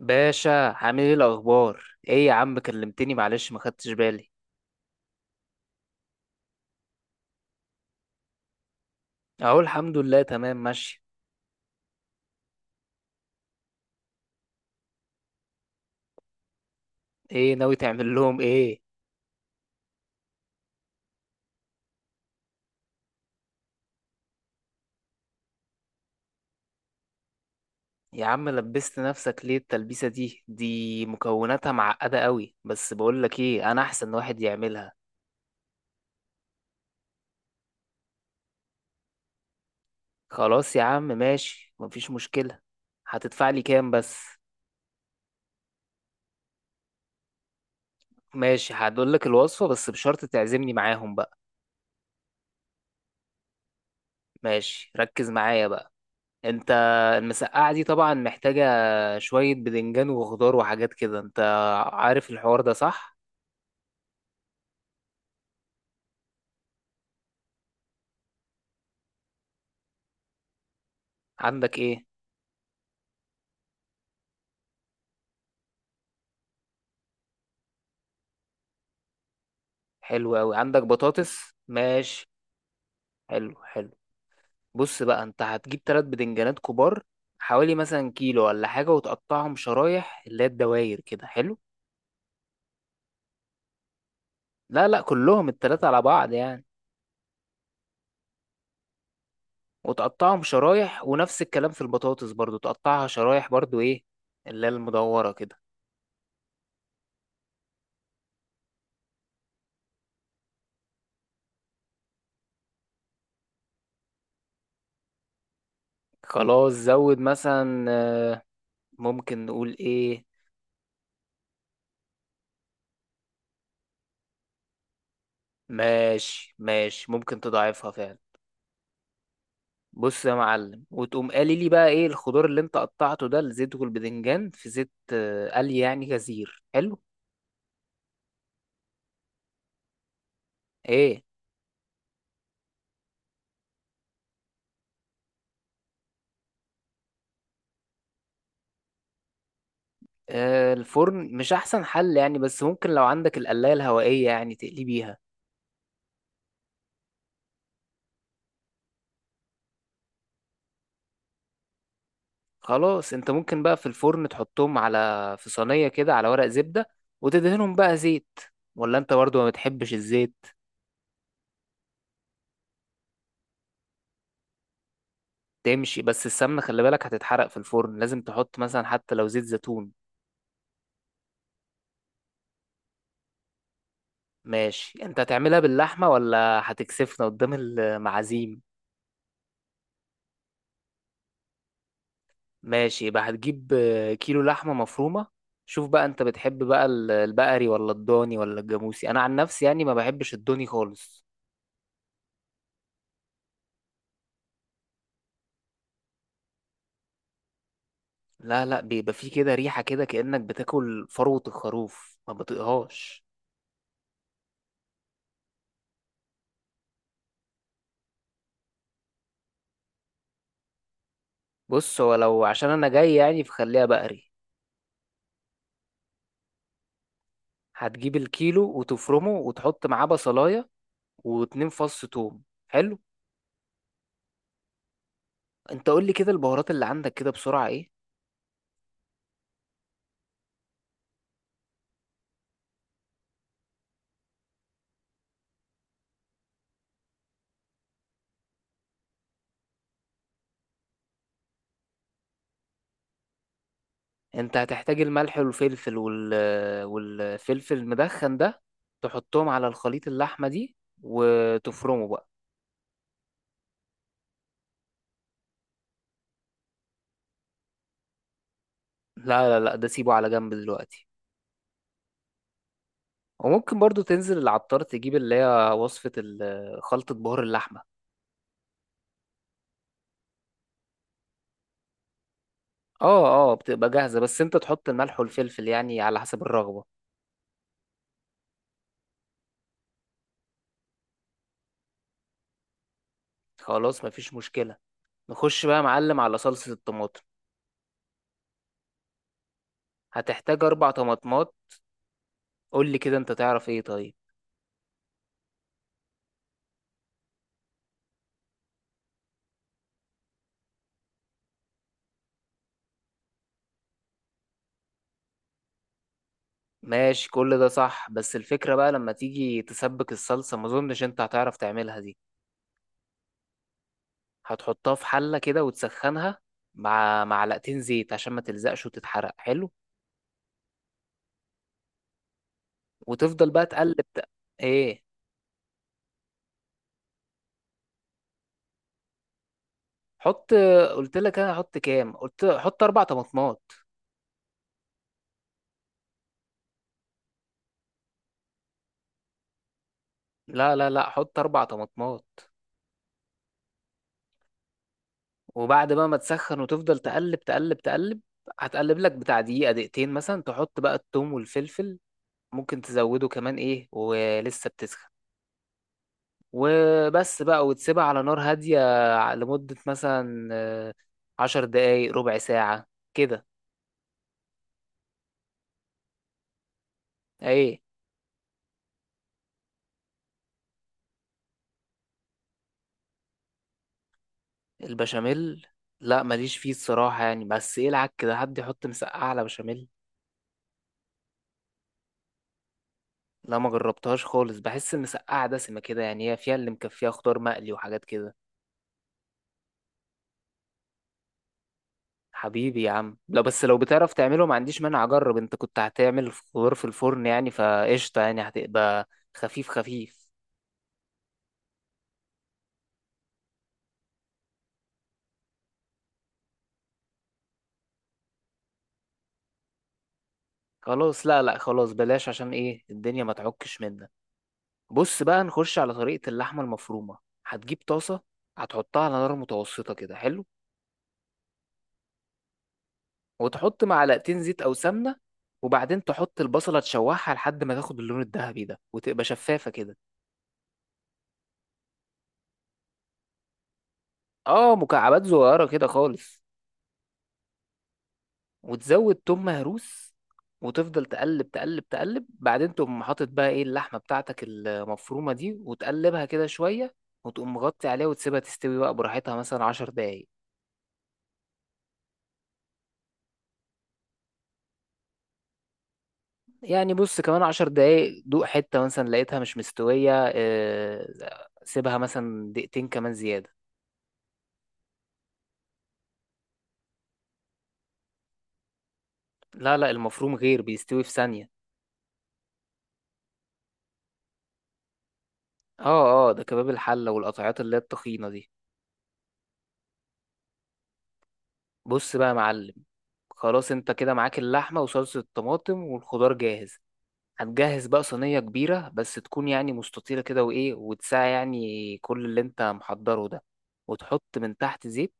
باشا، عامل ايه الاخبار؟ ايه يا عم كلمتني معلش ما خدتش بالي. اهو الحمد لله تمام ماشي. ايه ناوي تعمل لهم ايه؟ يا عم لبست نفسك ليه التلبيسة دي مكوناتها معقدة قوي، بس بقول لك ايه، انا احسن واحد يعملها. خلاص يا عم ماشي، مفيش مشكلة. هتدفع لي كام بس؟ ماشي هقول لك الوصفة بس بشرط تعزمني معاهم بقى. ماشي ركز معايا بقى. انت المسقعة دي طبعا محتاجة شوية بدنجان وخضار وحاجات كده. انت عارف الحوار ده صح؟ عندك ايه؟ حلو اوي، عندك بطاطس؟ ماشي. حلو حلو. بص بقى، انت هتجيب 3 بدنجانات كبار، حوالي مثلا كيلو ولا حاجة، وتقطعهم شرايح اللي هي الدواير كده، حلو؟ لا لا كلهم التلاتة على بعض يعني. وتقطعهم شرايح، ونفس الكلام في البطاطس برضو تقطعها شرايح برضو ايه، اللي هي المدورة كده. خلاص زود مثلا ممكن نقول ايه. ماشي ماشي ممكن تضاعفها فعلا. بص يا معلم، وتقوم قالي لي بقى ايه الخضار اللي انت قطعته ده، الزيت والبذنجان في زيت قلي يعني غزير، حلو؟ ايه. آه الفرن مش احسن حل يعني، بس ممكن لو عندك القلاية الهوائية يعني تقلي بيها. خلاص انت ممكن بقى في الفرن تحطهم على في صينية كده على ورق زبدة، وتدهنهم بقى زيت، ولا انت برضو ما بتحبش الزيت. تمشي، بس السمنة خلي بالك هتتحرق في الفرن، لازم تحط مثلا حتى لو زيت زيتون. ماشي، انت هتعملها باللحمة ولا هتكسفنا قدام المعازيم؟ ماشي يبقى هتجيب كيلو لحمة مفرومة. شوف بقى انت بتحب بقى البقري ولا الضاني ولا الجاموسي؟ انا عن نفسي يعني ما بحبش الضاني خالص. لا لا بيبقى فيه كده ريحة كده، كأنك بتاكل فروة الخروف، ما بطيقهاش. بص هو لو عشان انا جاي يعني فخليها بقري. هتجيب الكيلو وتفرمه، وتحط معاه بصلاية و2 فص توم، حلو. انت قول لي كده البهارات اللي عندك كده بسرعة ايه. انت هتحتاج الملح والفلفل والفلفل المدخن ده، تحطهم على الخليط اللحمة دي وتفرمه بقى. لا لا لا ده سيبه على جنب دلوقتي. وممكن برضو تنزل العطار تجيب اللي هي وصفة خلطة بهار اللحمة. اه اه بتبقى جاهزة، بس انت تحط الملح والفلفل يعني على حسب الرغبة. خلاص مفيش مشكلة. نخش بقى يا معلم على صلصة الطماطم. هتحتاج 4 طماطمات. قولي كده انت تعرف ايه طيب. ماشي كل ده صح، بس الفكرة بقى لما تيجي تسبك الصلصة ما اظنش انت هتعرف تعملها دي. هتحطها في حلة كده وتسخنها مع 2 معلقة زيت عشان ما تلزقش وتتحرق، حلو. وتفضل بقى تقلب. ايه. حط. قلت لك انا احط كام؟ قلت حط 4 طماطمات. لا لا لا حط 4 طماطمات. وبعد بقى ما تسخن وتفضل تقلب تقلب تقلب، هتقلب لك بتاع دقيقة دقيقتين مثلا، تحط بقى التوم والفلفل، ممكن تزوده كمان ايه ولسه بتسخن، وبس بقى وتسيبها على نار هادية لمدة مثلا 10 دقايق ربع ساعة كده. ايه. البشاميل؟ لا ماليش فيه الصراحة يعني، بس يلعك كده حد يحط مسقعة على بشاميل. لا ما جربتهاش خالص، بحس المسقعة دسمة كده يعني، هي فيها اللي مكفيها خضار مقلي وحاجات كده. حبيبي يا عم لا، بس لو بتعرف تعمله ما عنديش مانع اجرب. انت كنت هتعمل خضار في الفرن يعني فقشطة، يعني هتبقى خفيف خفيف. خلاص لا لا خلاص بلاش عشان ايه الدنيا ما تعكش منك. بص بقى نخش على طريقة اللحمة المفرومة. هتجيب طاسة، هتحطها على نار متوسطة كده، حلو. وتحط 2 معلقة زيت أو سمنة، وبعدين تحط البصلة تشوحها لحد ما تاخد اللون الذهبي ده وتبقى شفافة كده. اه مكعبات صغيرة كده خالص. وتزود توم مهروس، وتفضل تقلب تقلب تقلب، بعدين تقوم حاطط بقى ايه اللحمة بتاعتك المفرومة دي، وتقلبها كده شوية، وتقوم مغطي عليها وتسيبها تستوي بقى براحتها مثلا 10 دقايق. يعني بص كمان 10 دقايق، دوق حتة مثلا لقيتها مش مستوية سيبها مثلا دقيقتين كمان زيادة. لا لا المفروم غير، بيستوي في ثانية. اه اه ده كباب الحلة والقطعات اللي هي التخينة دي. بص بقى يا معلم، خلاص انت كده معاك اللحمة وصلصة الطماطم والخضار جاهز. هتجهز بقى صينية كبيرة، بس تكون يعني مستطيلة كده وايه، وتساع يعني كل اللي انت محضره ده، وتحط من تحت زيت،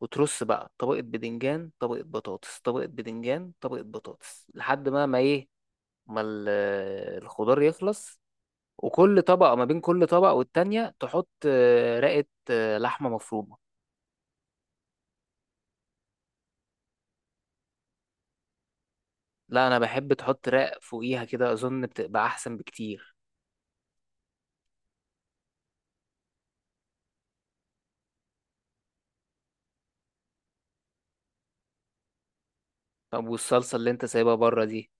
وترص بقى طبقة بدنجان طبقة بطاطس طبقة بدنجان طبقة بطاطس لحد ما الخضار يخلص. وكل طبقة، ما بين كل طبقة والتانية، تحط رقة لحمة مفرومة. لا أنا بحب تحط رق فوقيها كده، أظن بتبقى أحسن بكتير. طب والصلصة اللي أنت سايبها بره دي؟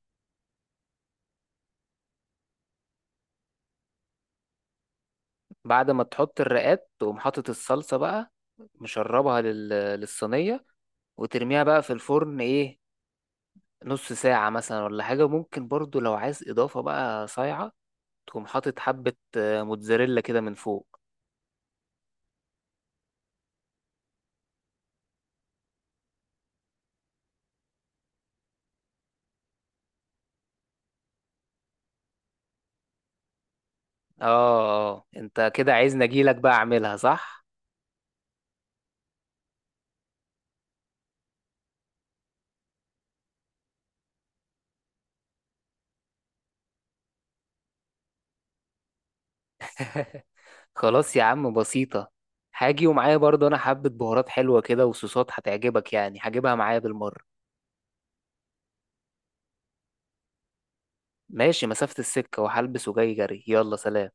بعد ما تحط الرقات تقوم حاطط الصلصة بقى، مشربها للصينية، وترميها بقى في الفرن، إيه، نص ساعة مثلا ولا حاجة. ممكن برضو لو عايز إضافة بقى صايعة تقوم حاطط حبة موتزاريلا كده من فوق. اه اه انت كده عايزني اجيلك بقى اعملها صح. خلاص يا عم بسيطة، هاجي ومعايا برضو انا حبة بهارات حلوة كده وصوصات هتعجبك يعني، هجيبها معايا بالمرة. ماشي، مسافة السكة وهلبس وجاي جري، يلا سلام.